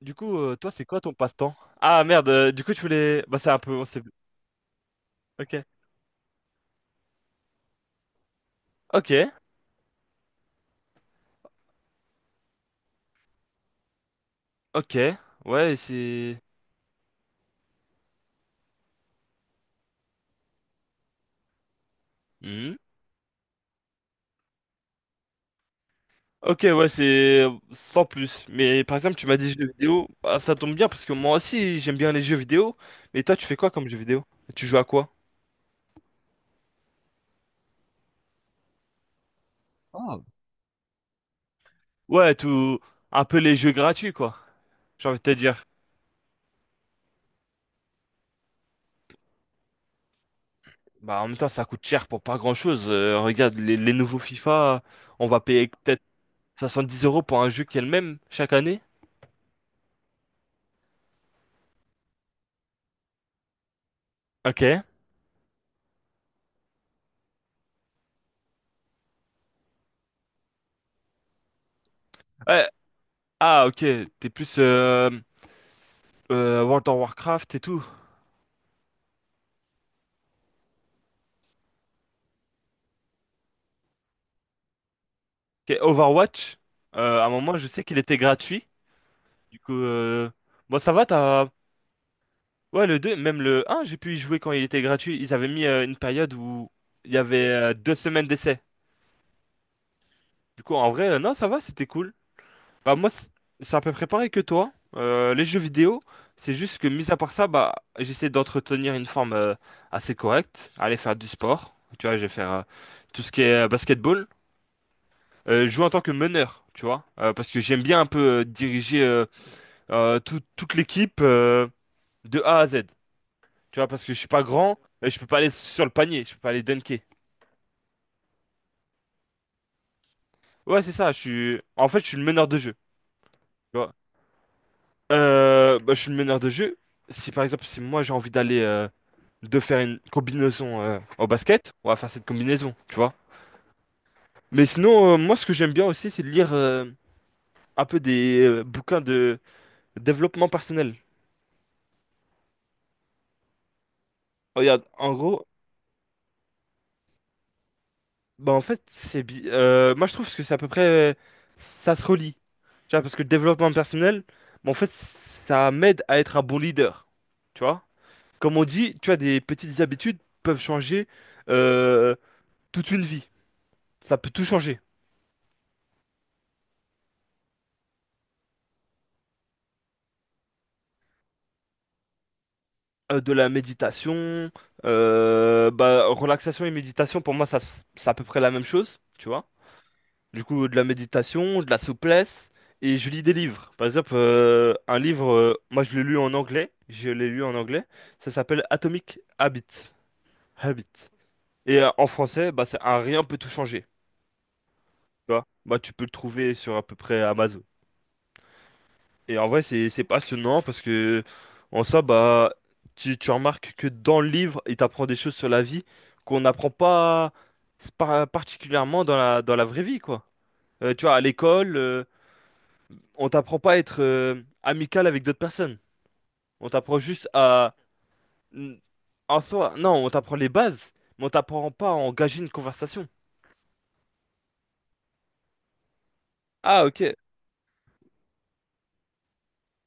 Du coup, toi, c'est quoi ton passe-temps? Ah merde, du coup, tu voulais. Bah, c'est un peu. Ok. Ok, ok. Ouais, c'est. Hmm. Ok, ouais, c'est sans plus. Mais par exemple, tu m'as dit jeux vidéo. Bah, ça tombe bien parce que moi aussi, j'aime bien les jeux vidéo. Mais toi, tu fais quoi comme jeux vidéo? Tu joues à quoi? Ah, ouais, tout. Un peu les jeux gratuits, quoi. J'ai envie de te dire. Bah, en même temps, ça coûte cher pour pas grand-chose. Regarde, les nouveaux FIFA, on va payer peut-être 70 € pour un jeu qui est le même chaque année. Ok. Ouais, ah, ok, t'es plus World of Warcraft et tout. Ok, Overwatch, à un moment, je sais qu'il était gratuit. Du coup, bon, ça va, t'as. Ouais, le 2, même le un, j'ai pu y jouer quand il était gratuit. Ils avaient mis une période où il y avait deux semaines d'essai. Du coup, en vrai, non, ça va, c'était cool. Bah, moi, c'est à peu près pareil que toi. Les jeux vidéo, c'est juste que, mis à part ça, bah, j'essaie d'entretenir une forme assez correcte, aller faire du sport. Tu vois, je vais faire tout ce qui est basketball. Jouer en tant que meneur, tu vois, parce que j'aime bien un peu diriger toute l'équipe de A à Z, tu vois, parce que je suis pas grand et je peux pas aller sur le panier, je peux pas aller dunker. Ouais, c'est ça, je suis le meneur de jeu, tu vois. Bah, je suis le meneur de jeu. Si par exemple si moi j'ai envie d'aller de faire une combinaison au basket, on va faire cette combinaison, tu vois. Mais sinon moi ce que j'aime bien aussi c'est de lire un peu des bouquins de développement personnel. Regarde, en gros, bah en fait, moi je trouve que c'est à peu près ça se relie. Tu vois, parce que le développement personnel, bah, en fait, ça m'aide à être un bon leader. Tu vois? Comme on dit, tu vois, des petites habitudes peuvent changer euh, toute une vie. Ça peut tout changer. De la méditation, bah relaxation et méditation, pour moi, ça, c'est à peu près la même chose. Tu vois. Du coup, de la méditation, de la souplesse, et je lis des livres. Par exemple, un livre, moi je l'ai lu en anglais, je l'ai lu en anglais, ça s'appelle Atomic Habits. Habit. Et en français, bah, c'est un rien peut tout changer. Tu vois? Bah, tu peux le trouver sur à peu près Amazon. Et en vrai, c'est passionnant parce que, en soi, bah, tu remarques que dans le livre, il t'apprend des choses sur la vie qu'on n'apprend pas particulièrement dans la vraie vie, quoi. Tu vois, à l'école, on t'apprend pas à être amical avec d'autres personnes. On t'apprend juste à... n- En soi, non, on t'apprend les bases, mais on t'apprend pas à engager une conversation. Ah, ok.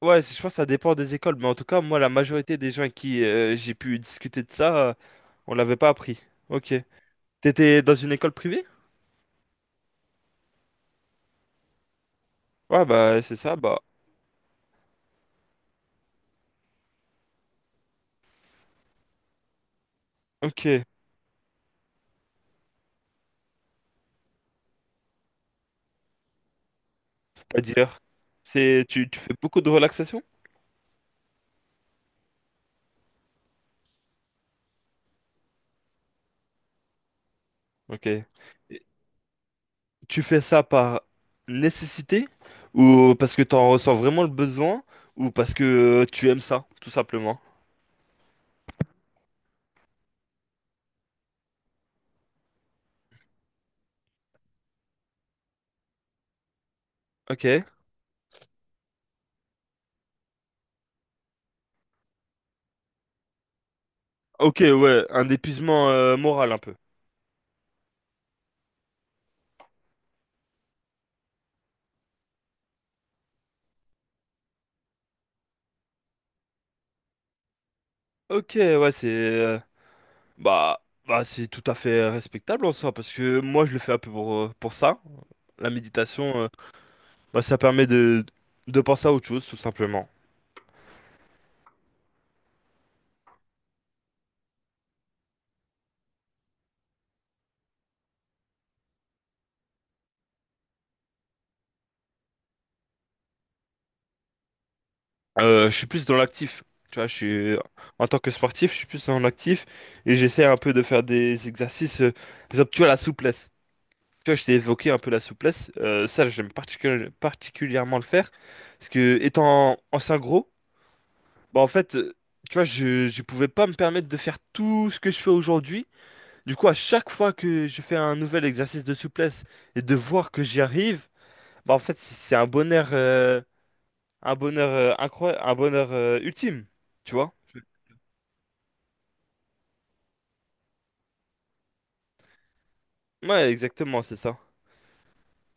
Ouais, je pense que ça dépend des écoles, mais en tout cas, moi, la majorité des gens avec qui j'ai pu discuter de ça, on l'avait pas appris. Ok. T'étais dans une école privée? Ouais, bah, c'est ça, bah, ok. C'est-à-dire, c'est, tu fais beaucoup de relaxation? Ok. Tu fais ça par nécessité ou parce que t'en ressens vraiment le besoin ou parce que tu aimes ça, tout simplement. Ok. Ok, ouais, un épuisement moral un peu. Ok, ouais, c'est bah bah c'est tout à fait respectable en soi parce que moi je le fais un peu pour ça. La méditation, bah ça permet de penser à autre chose tout simplement. Je suis plus dans l'actif, tu vois. Je suis en tant que sportif, je suis plus dans l'actif et j'essaie un peu de faire des exercices, par exemple, tu vois la souplesse. Tu vois, je t'ai évoqué un peu la souplesse. Ça, j'aime particulièrement le faire. Parce que, étant ancien gros, bah, en fait, tu vois, je pouvais pas me permettre de faire tout ce que je fais aujourd'hui. Du coup, à chaque fois que je fais un nouvel exercice de souplesse et de voir que j'y arrive, bah, en fait, c'est un bonheur, incroyable, un bonheur, ultime. Tu vois? Ouais, exactement, c'est ça.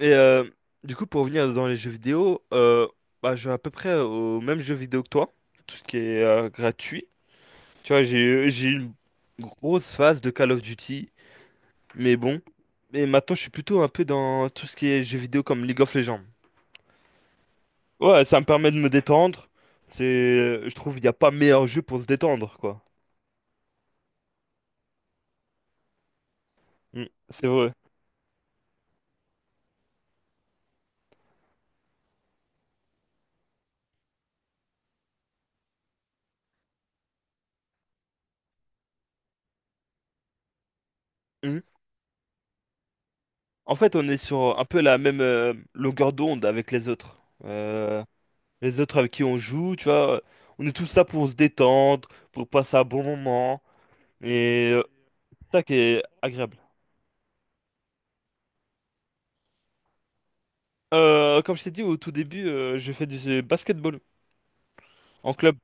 Et du coup, pour revenir dans les jeux vidéo, bah, je joue à peu près au même jeu vidéo que toi, tout ce qui est gratuit. Tu vois, j'ai eu une grosse phase de Call of Duty, mais bon. Mais maintenant, je suis plutôt un peu dans tout ce qui est jeux vidéo comme League of Legends. Ouais, ça me permet de me détendre. C'est, je trouve, il n'y a pas meilleur jeu pour se détendre, quoi. Mm, c'est vrai. Mm. En fait, on est sur un peu la même longueur d'onde avec les autres. Les autres avec qui on joue, tu vois, on est tous là pour se détendre, pour passer un bon moment, et ça qui est agréable. Comme je t'ai dit au tout début, je fais du basketball en club.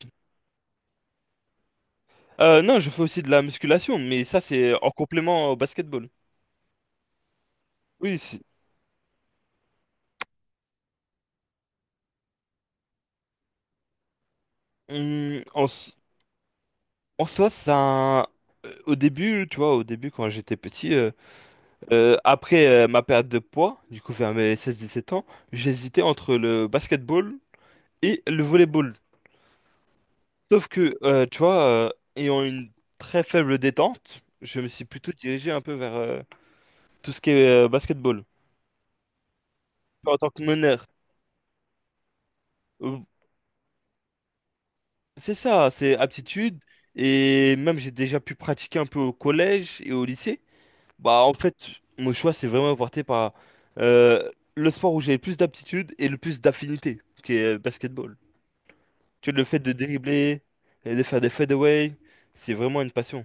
Non, je fais aussi de la musculation, mais ça c'est en complément au basketball. Oui, hum, en, s- en soi, ça, au début, tu vois, au début quand j'étais petit, après ma perte de poids, du coup vers mes seize-dix-sept ans, j'hésitais entre le basketball et le volleyball. Sauf que, tu vois, ayant une très faible détente, je me suis plutôt dirigé un peu vers tout ce qui est basketball. En tant que meneur, euh, c'est ça, c'est aptitude. Et même j'ai déjà pu pratiquer un peu au collège et au lycée. Bah, en fait, mon choix s'est vraiment porté par euh, le sport où j'ai le plus d'aptitude et le plus d'affinité, qui est basketball. Tu vois, le fait de dribbler et de faire des fadeaways, c'est vraiment une passion.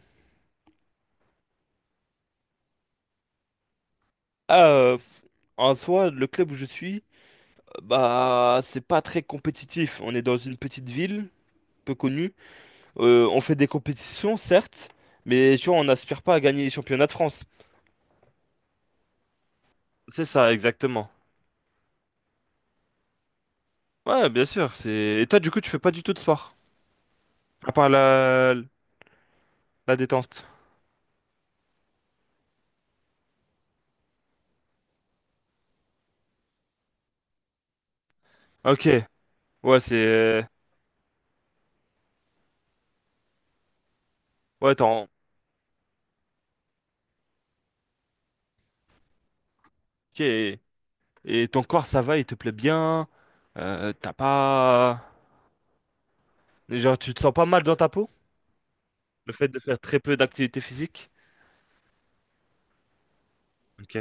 Ah, en soi, le club où je suis. Bah, c'est pas très compétitif. On est dans une petite ville, peu connue. On fait des compétitions, certes, mais tu vois, on n'aspire pas à gagner les championnats de France. C'est ça, exactement. Ouais, bien sûr. C'est... Et toi, du coup, tu fais pas du tout de sport, à part la détente. Ok. Ouais, c'est... Ouais, attends. Ok. Et ton corps, ça va, il te plaît bien. T'as pas... Genre, tu te sens pas mal dans ta peau? Le fait de faire très peu d'activité physique. Ok.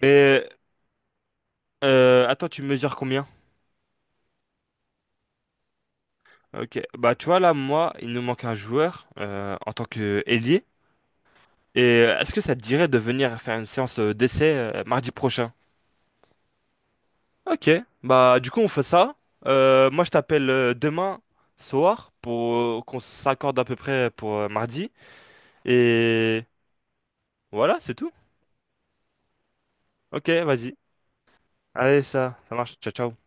Mais... attends, tu mesures combien? Ok, bah tu vois là, moi, il nous manque un joueur en tant que ailier. Et est-ce que ça te dirait de venir faire une séance d'essai mardi prochain? Ok, bah du coup on fait ça. Moi je t'appelle demain soir pour qu'on s'accorde à peu près pour mardi. Et voilà, c'est tout. Ok, vas-y. Allez, ça marche. Ciao, ciao.